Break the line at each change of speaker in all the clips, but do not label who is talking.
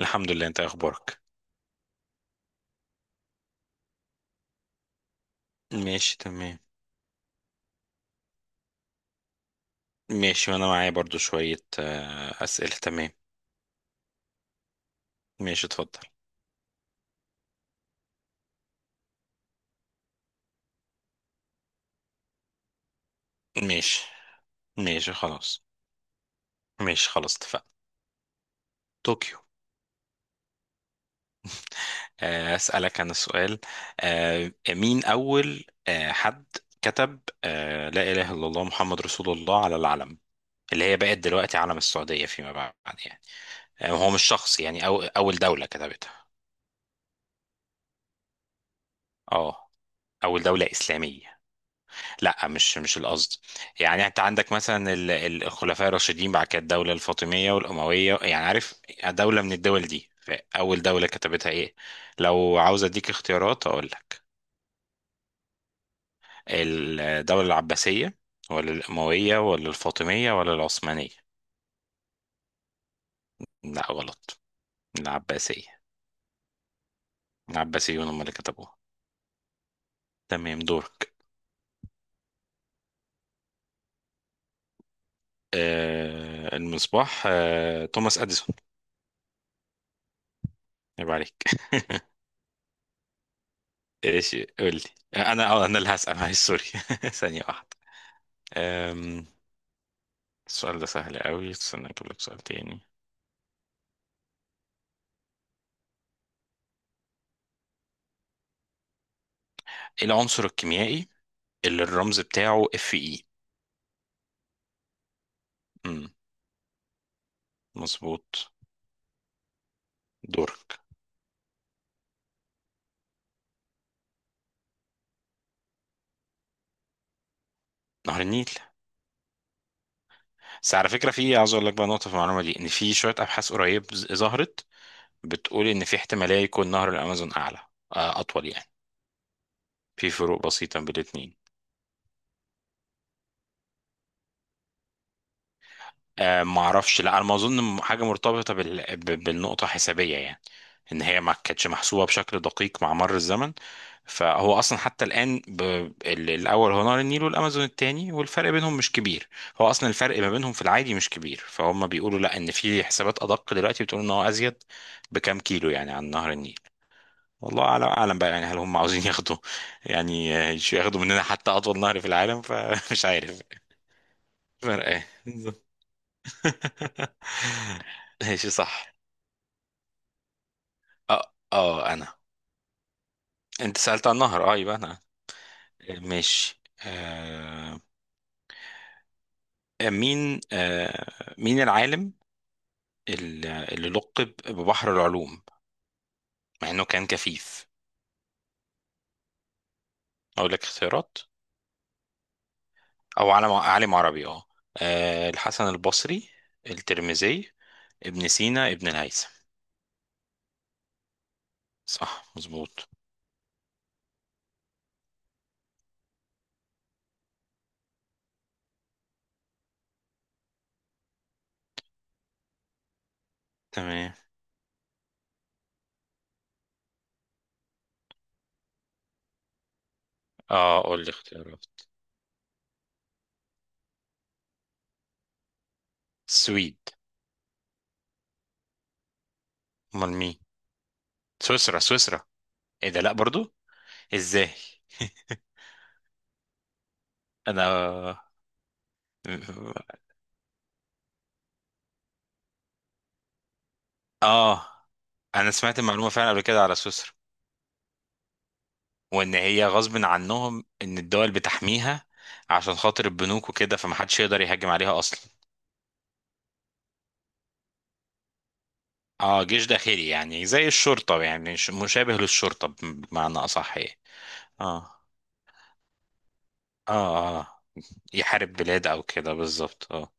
الحمد لله، انت ايه اخبارك؟ ماشي تمام. ماشي، وانا معايا برضو شوية اسئلة. تمام. ماشي اتفضل. ماشي ماشي خلاص. ماشي خلاص اتفقنا. طوكيو. اسألك انا سؤال. مين اول حد كتب لا اله الا الله محمد رسول الله على العلم؟ اللي هي بقت دلوقتي علم السعودية فيما بعد يعني. هو مش شخص يعني اول دولة كتبتها. اه. اول دولة اسلامية؟ لا مش مش القصد. يعني انت عندك مثلا الخلفاء الراشدين، بعد كده الدوله الفاطميه والامويه، يعني عارف، دوله من الدول دي، فاول دوله كتبتها ايه؟ لو عاوز اديك اختيارات اقول لك. الدوله العباسيه، ولا الامويه، ولا الفاطميه، ولا العثمانيه. لا غلط. العباسيه. العباسيون هم اللي كتبوها. تمام دورك. آه المصباح، آه توماس اديسون. يبقى عليك. ايش قولي. انا اللي هسأل، معلش سوري. ثانية واحدة. أم... السؤال ده سهل قوي، استنى اجيب لك سؤال تاني. ايه العنصر الكيميائي اللي الرمز بتاعه اف اي؟ امم مظبوط. دورك. نهر النيل. بس على فكرة في عاوز اقول لك بقى نقطة في المعلومة دي، ان في شوية ابحاث قريب ظهرت بتقول ان في احتمالية يكون نهر الامازون اعلى، اطول يعني. في فروق بسيطة بين الاتنين. آه ما اعرفش، لا انا ما اظن، حاجه مرتبطه بالنقطه حسابيه يعني، ان هي ما كانتش محسوبه بشكل دقيق مع مر الزمن. فهو اصلا حتى الان الاول هو نهر النيل والامازون التاني والفرق بينهم مش كبير. هو اصلا الفرق ما بينهم في العادي مش كبير، فهم بيقولوا لا، ان في حسابات ادق دلوقتي بتقول ان هو ازيد بكام كيلو يعني عن نهر النيل. والله اعلم اعلم بقى، يعني هل هم عاوزين ياخدوا يعني ياخدوا مننا حتى اطول نهر في العالم، فمش عارف. فرق ايه؟ ماشي صح. اه انا. انت سألت عن النهر، اه يبقى انا. ماشي. آه مين، آه مين العالم اللي لقب ببحر العلوم مع انه كان كفيف؟ اقول لك اختيارات، او عالم، عالم عربي اه. الحسن البصري، الترمذي، ابن سينا، ابن الهيثم. صح مظبوط. تمام. اه قول لي اختيارات. السويد. امال مين؟ سويسرا سويسرا. ايه ده، لا برضو؟ ازاي؟ انا، اه انا سمعت المعلومه فعلا قبل كده على سويسرا، وان هي غصب عنهم ان الدول بتحميها عشان خاطر البنوك وكده، فمحدش يقدر يهاجم عليها اصلا. اه جيش داخلي يعني زي الشرطه، يعني مشابه للشرطه بمعنى اصح يعني. اه اه، يحارب بلاد او كده، بالظبط اه.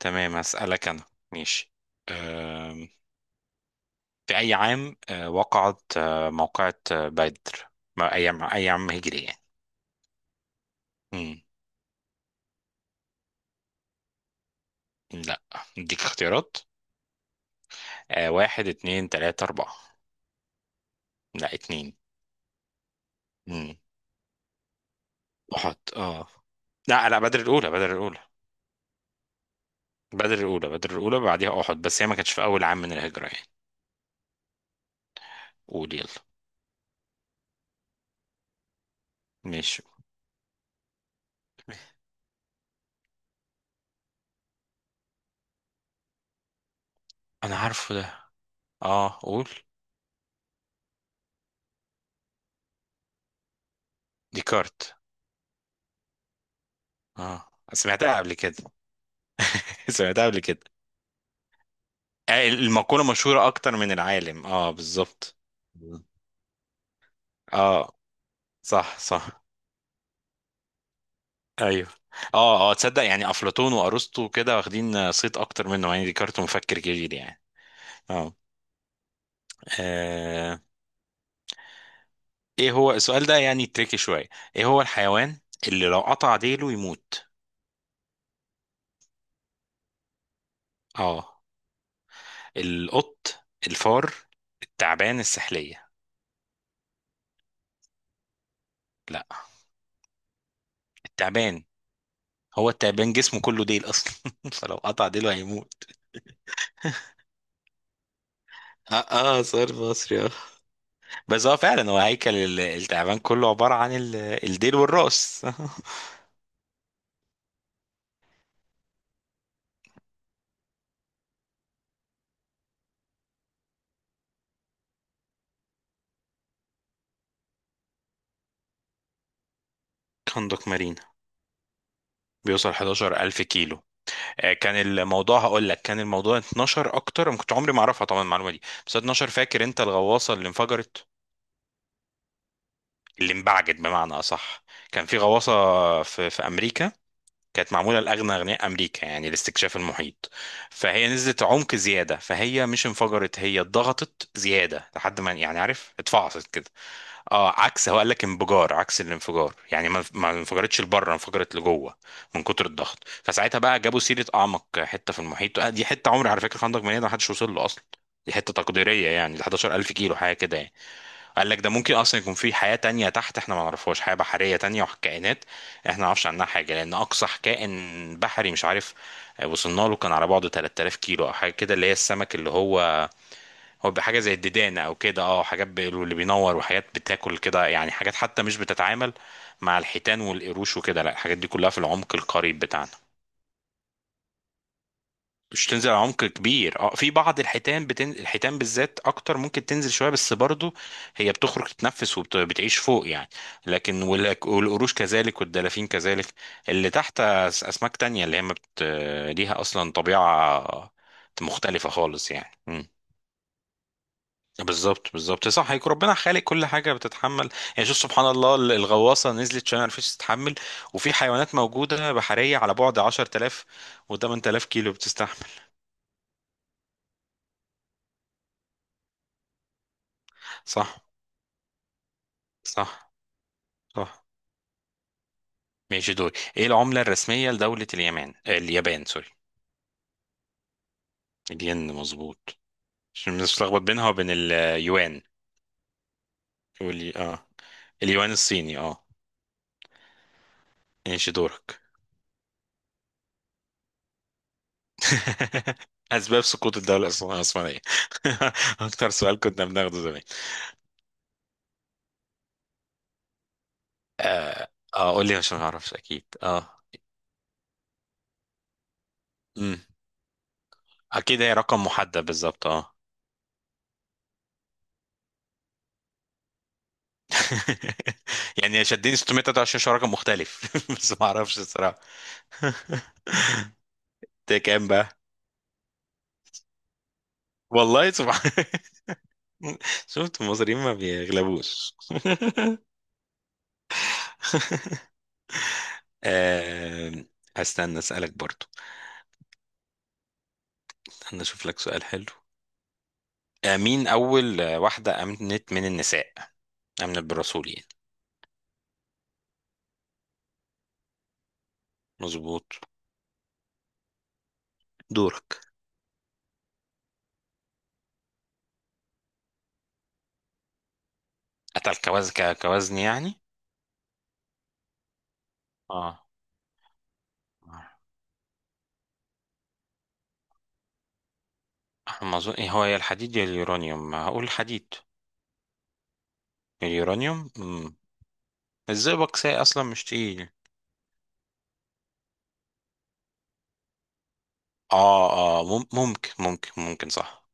تمام هسألك انا. ماشي. آم، في اي عام وقعت موقعة بدر؟ ايام ايام هجري يعني. لا اديك اختيارات. آه واحد، اتنين، تلاتة، أربعة. لا اتنين. مم. أحد اه. لا لا، بدر الأولى، بدر الأولى بدر الأولى بعديها أحد، بس هي ما كانتش في أول عام من الهجرة يعني. قول يلا. ماشي. أنا عارفه ده. اه قول. ديكارت. اه سمعتها قبل كده. سمعتها قبل كده. المقولة مشهورة أكتر من العالم، اه بالظبط. اه صح صح. ايوه. اه اه، تصدق يعني افلاطون وارسطو كده واخدين صيت اكتر منه يعني، ديكارت مفكر كبير يعني. اه. آه، ايه هو السؤال ده يعني، تريكي شويه. ايه هو الحيوان اللي لو قطع ديله يموت؟ اه، القط، الفار، التعبان، السحليه. لا. التعبان. هو التعبان جسمه كله ديل اصلا فلو قطع ديله هيموت. اه, آه صار مصري اه. بس هو فعلا هو هيكل التعبان كله عباره عن الديل والراس. كندق مارين. بيوصل 11,000 كيلو. كان الموضوع هقول لك، كان الموضوع 12 اكتر، انا كنت عمري ما اعرفها طبعا المعلومه دي، بس 12 فاكر انت الغواصه اللي انفجرت، اللي انبعجت بمعنى اصح. كان في غواصه في امريكا، كانت معمولة لأغنى أغنياء أمريكا يعني لاستكشاف المحيط. فهي نزلت عمق زيادة، فهي مش انفجرت، هي اتضغطت زيادة لحد ما، يعني عارف اتفعصت كده. اه عكس، هو قال لك انفجار، عكس الانفجار يعني، ما ما انفجرتش لبره انفجرت لجوه من كتر الضغط. فساعتها بقى جابوا سيرة أعمق حتة في المحيط، دي حتة عمري على فكرة، خندق مليان، ما حدش وصل له أصلا، دي حتة تقديرية يعني، 11,000 كيلو حاجة كده يعني. قال لك ده ممكن اصلا يكون في حياه تانية تحت احنا ما نعرفهاش، حياه بحريه تانية وكائنات احنا ما نعرفش عنها حاجه، لان اقصى كائن بحري مش عارف وصلنا له كان على بعده 3000 كيلو او حاجه كده، اللي هي السمك اللي هو، هو بحاجه زي الديدانه او كده اه، حاجات اللي بينور وحاجات بتاكل كده يعني، حاجات حتى مش بتتعامل مع الحيتان والقروش وكده، لا الحاجات دي كلها في العمق القريب بتاعنا. مش تنزل على عمق كبير، اه في بعض الحيتان الحيتان بالذات اكتر ممكن تنزل شويه، بس برضو هي بتخرج تتنفس وبتعيش فوق يعني. لكن والقروش كذلك والدلافين كذلك. اللي تحت اسماك تانية، اللي هي ما بت...، ليها اصلا طبيعه مختلفه خالص يعني. مم. بالظبط بالظبط صح، هيك ربنا خالق كل حاجه بتتحمل يعني. شوف سبحان الله، الغواصه نزلت عشان ما عرفتش تتحمل، وفي حيوانات موجوده بحريه على بعد 10,000 و8000 كيلو بتستحمل. صح صح صح. ماشي دول. ايه العملة الرسمية لدولة اليمن، اليابان سوري؟ الين مظبوط. عشان بنتلخبط بينها وبين اليوان. اه، اليوان الصيني اه. ماشي دورك. اسباب سقوط الدولة العثمانية. اكتر سؤال كنا بناخده زمان. اه قول لي عشان ما اعرفش اكيد اه. امم، اكيد هي رقم محدد بالظبط اه. يعني شدني 623 عشان رقم مختلف، بس ما اعرفش الصراحة. ده كام بقى؟ والله سبحان. شفت المصريين ما بيغلبوش. آه، استنى اسالك برضو، استنى اشوف لك سؤال حلو. مين اول واحده امنت من النساء، امنت بالرسول يعني؟ مظبوط. دورك. قتل كوزن كوزن يعني. اه. آه، ما اظن، إيه هو، يا الحديد يا اليورانيوم، هقول الحديد. اليورانيوم مم. الزئبق ساي اصلا مش تقيل. اه اه، ممكن ممكن صح.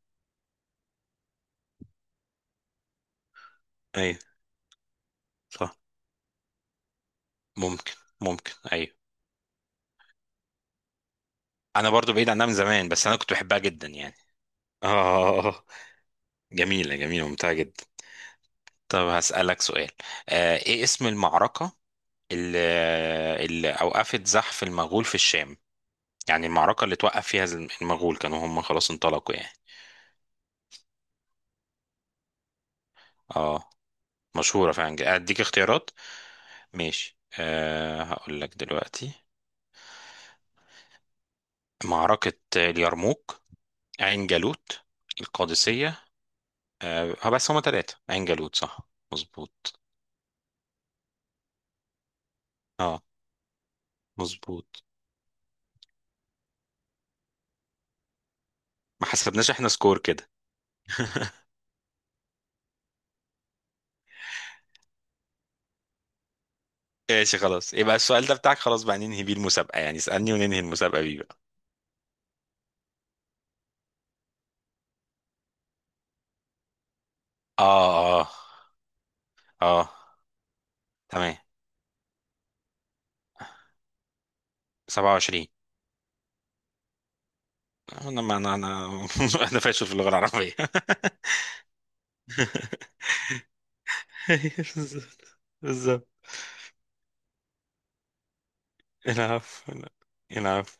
ايوه صح. ممكن ايوه. انا برضو بعيد عنها من زمان، بس انا كنت بحبها جدا يعني. اه. جميلة ممتعة جدا. طب هسألك سؤال. آه ايه اسم المعركة اللي, اللي اوقفت زحف المغول في الشام؟ يعني المعركة اللي توقف فيها المغول، كانوا هم خلاص انطلقوا يعني. اه مشهورة فعلا، اديك اختيارات. ماشي آه هقول لك دلوقتي. معركة اليرموك، عين جالوت، القادسية. آه بس هما ثلاثة، عين جالوت صح مظبوط. اه مظبوط. ما حسبناش احنا سكور كده. ماشي خلاص، يبقى السؤال ده بتاعك، خلاص بقى ننهي بيه المسابقة يعني، اسألني وننهي المسابقة بيه بقى. اه اه اه تمام. 27. انا ما انا انا. انا فاشل في اللغة العربية. بالظبط بالظبط. العفو العفو.